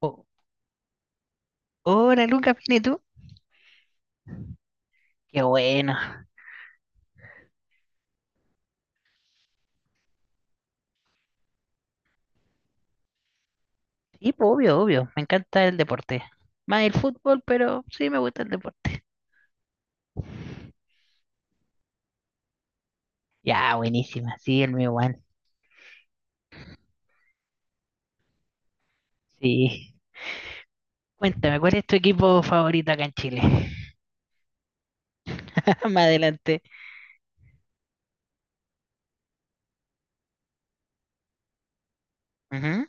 Oh, hola Lucas, ¿bien y tú? Qué bueno. Sí, pues, obvio, obvio. Me encanta el deporte. Más el fútbol, pero sí me gusta el deporte. Ya, buenísima. Sí, el mío, Juan. Sí. Cuéntame, ¿cuál es tu equipo favorito acá en Chile? Más adelante. Ujú,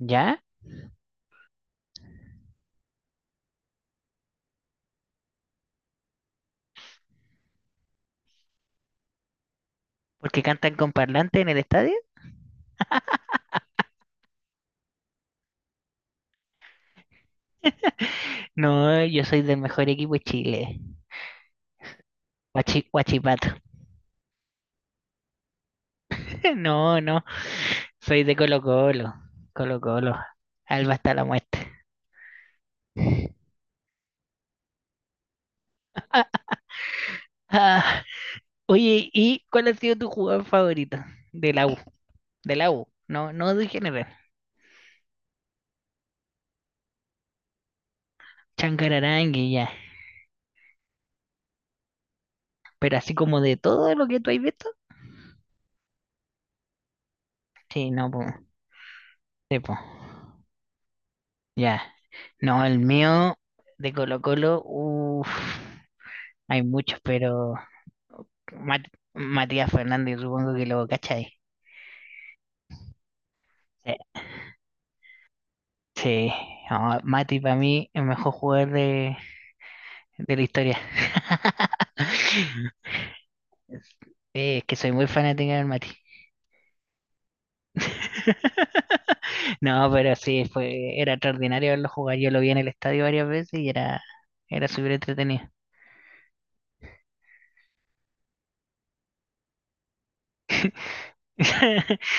¿ya? ¿Porque cantan con parlante en el estadio? No, yo soy del mejor equipo de Chile. Guachipato. No, no. Soy de Colo Colo. Colo Colo. Alba hasta la muerte. Ah, Oye, ¿y cuál ha sido tu jugador favorito de la U? De la U, no, no de general. Chancararangue, ya. Pero así como de todo lo que tú has visto. Sí, no, po. Sí, po. Ya. No, el mío de Colo Colo, uff, hay muchos, pero Mat- Matías Fernández, supongo que lo cachai. Sí, sí. No, Mati para mí el mejor jugador de la historia. Sí, es que soy muy fanática del Mati. No, pero sí, fue, era extraordinario verlo jugar. Yo lo vi en el estadio varias veces y era, era súper entretenido.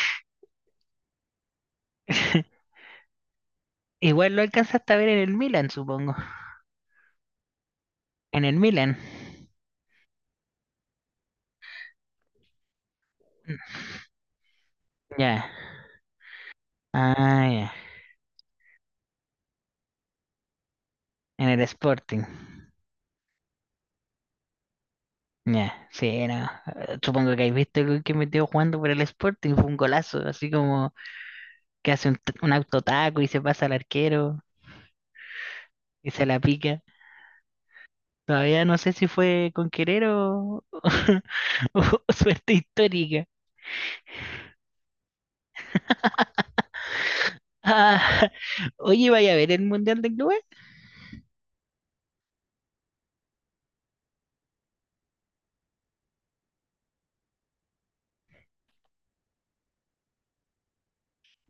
Igual lo alcanzaste a ver en el Milan, supongo. En el Milan. Ya. Ah, ya. En el Sporting. Ya, sí, no. Supongo que habéis visto el gol que metió jugando por el Sporting. Fue un golazo, así como que hace un, un autotaco y se pasa al arquero y se la pica. Todavía no sé si fue con querer o, Suerte histórica. Ah, oye, vaya a ver el Mundial de Clubes.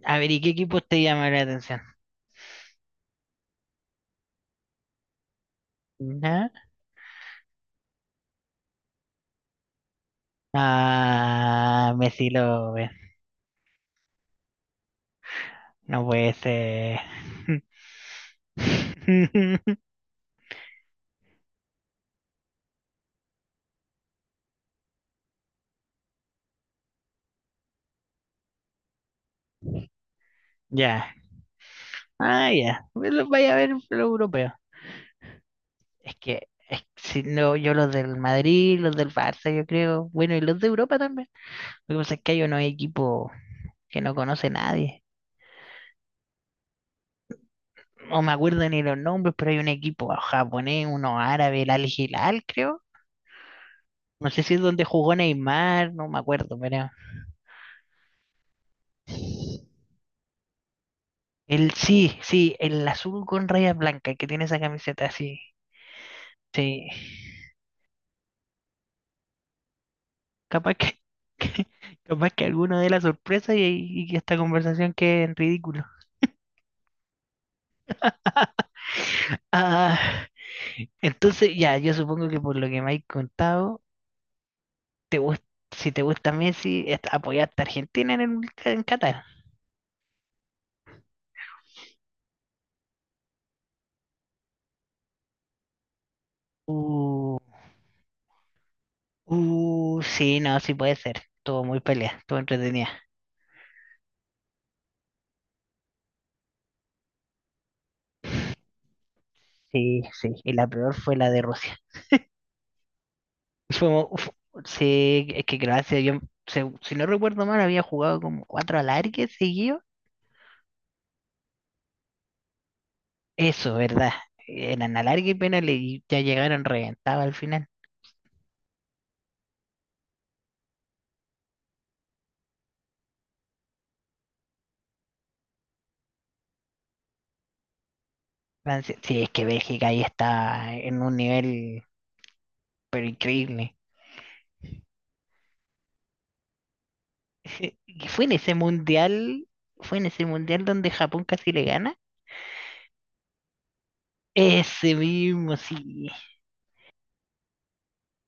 A ver, ¿y qué equipos te llama la atención? ¿No? Ah, Messi lo ve. No puede ser. Ya. Ah, ya. Bueno, vaya a ver lo europeo. Es que si no, yo los del Madrid, los del Barça, yo creo. Bueno, y los de Europa también. Lo que pasa es que hay unos equipos que no conoce nadie. No me acuerdo ni los nombres, pero hay un equipo japonés, uno árabe, el Al Hilal, creo. No sé si es donde jugó Neymar, no me acuerdo, pero. El sí, sí, el azul con rayas blancas el que tiene esa camiseta así. Sí. Capaz que, capaz que alguno dé la sorpresa y esta conversación quede en ridículo. Ah, entonces, ya, yo supongo que por lo que me habéis contado, te gust- si te gusta Messi, apoyaste a Argentina en, el, en Qatar. Uh, Uh, sí, no, sí puede ser. Estuvo muy pelea, estuvo entretenida. Sí, sí. Y la peor fue la de Rusia. Fue fu- sí, es que Croacia, yo, si no recuerdo mal, había jugado como cuatro alargues seguidos. Eso, ¿verdad? Eran alargue y penales y ya llegaron reventados al final. Francia, sí, sí, es que Bélgica ahí está en un nivel pero increíble. Y fue en ese mundial, fue en ese mundial donde Japón casi le gana. Ese mismo, sí.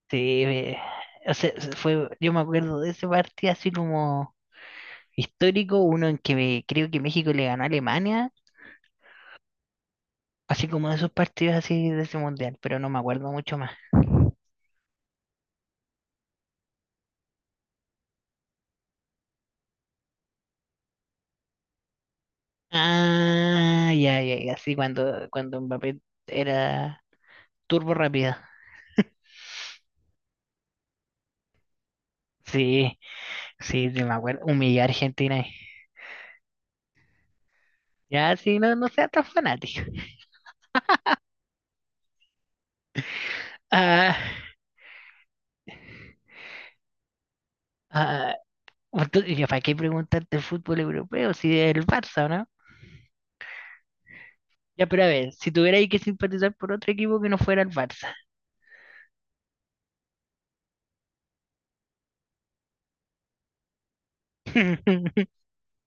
Sí, fue, yo me acuerdo de ese partido así como histórico, uno en que creo que México le ganó a Alemania, así como de esos partidos así de ese mundial, pero no me acuerdo mucho más. Ah, ya, ya, ya, sí, cuando Mbappé era turbo rápido. Sí, sí, sí, me acuerdo, humillar a Argentina ahí. Ya, sí, no, no seas tan fanático. Ah, ah, entonces, ya, ¿para qué preguntarte el fútbol europeo si es el Barça? Ya, pero a ver, si tuvierais que simpatizar por otro equipo que no fuera el Barça.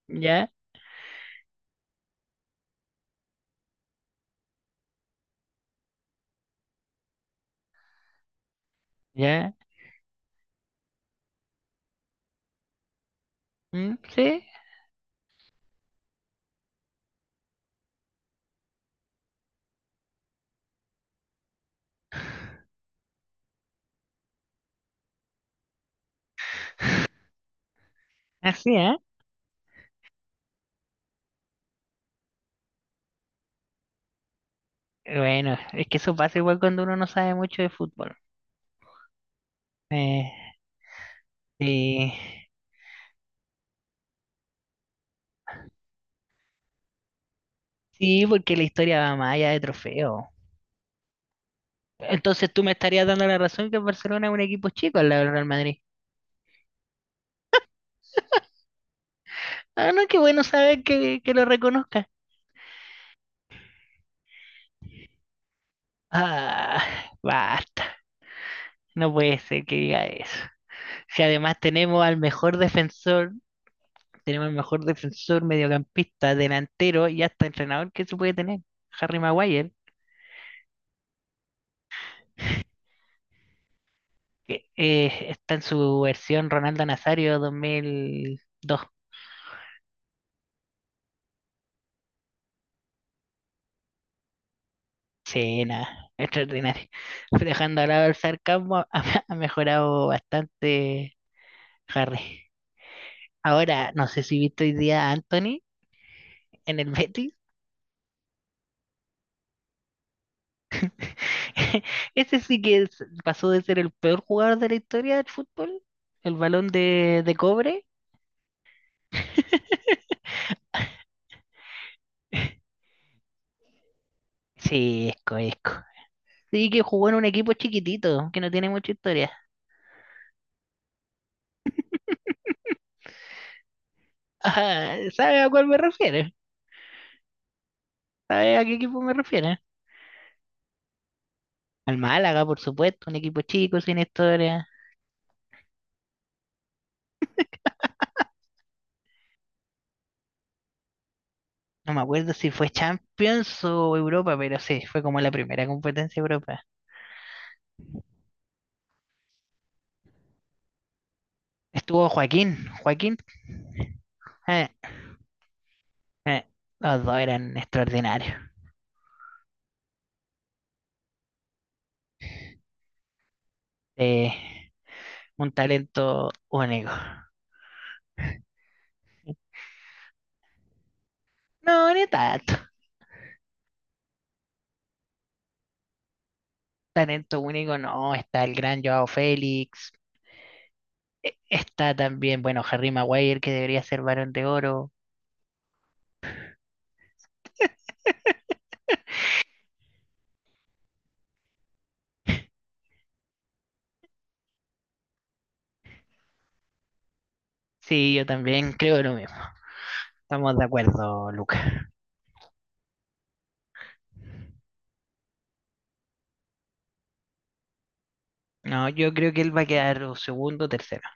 ¿Ya? ¿Ya? ¿Mm? Sí, así, ¿eh? Bueno, es que eso pasa igual cuando uno no sabe mucho de fútbol. Eh, sí, sí, porque la historia va más allá de trofeo. Entonces tú me estarías dando la razón que el Barcelona es un equipo chico al lado del Real Madrid. Ah, no, qué bueno saber que lo reconozca. Ah, basta. No puede ser que diga eso. Si además tenemos al mejor defensor. Tenemos el mejor defensor, mediocampista, delantero y hasta entrenador que se puede tener. Harry Maguire, que está en su versión Ronaldo Nazario 2002. Sí, nada, extraordinario. Dejando al lado el sarcasmo, ha, ha mejorado bastante Harry. Ahora, no sé si viste hoy día a Anthony en el Betis. Ese sí que pasó de ser el peor jugador de la historia del fútbol, el balón de cobre. Sí, Esco, Esco. Sí, que jugó en un equipo chiquitito, que no tiene mucha historia. Ajá, ¿sabes a cuál me refiero? ¿Sabes a qué equipo me refiero? Al Málaga, por supuesto, un equipo chico, sin historia. No me acuerdo si fue Champions o Europa, pero sí, fue como la primera competencia de Europa. Estuvo Joaquín, Joaquín. eh, eh, los dos eran extraordinarios. Eh, un talento único. No, ni tanto. Talento único no, está el gran Joao Félix, está también, bueno, Harry Maguire, que debería ser Varón de Oro. Sí, yo también creo lo mismo. Estamos de acuerdo, Luca. No, yo creo que él va a quedar o segundo o tercero.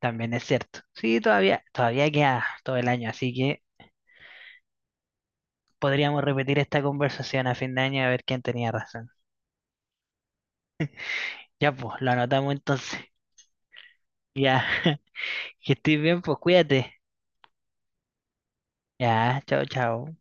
También es cierto. Sí, todavía queda todo el año, así que podríamos repetir esta conversación a fin de año a ver quién tenía razón. Ya, pues, lo anotamos entonces. Ya, que estés bien, pues cuídate. Ya, chao, chao.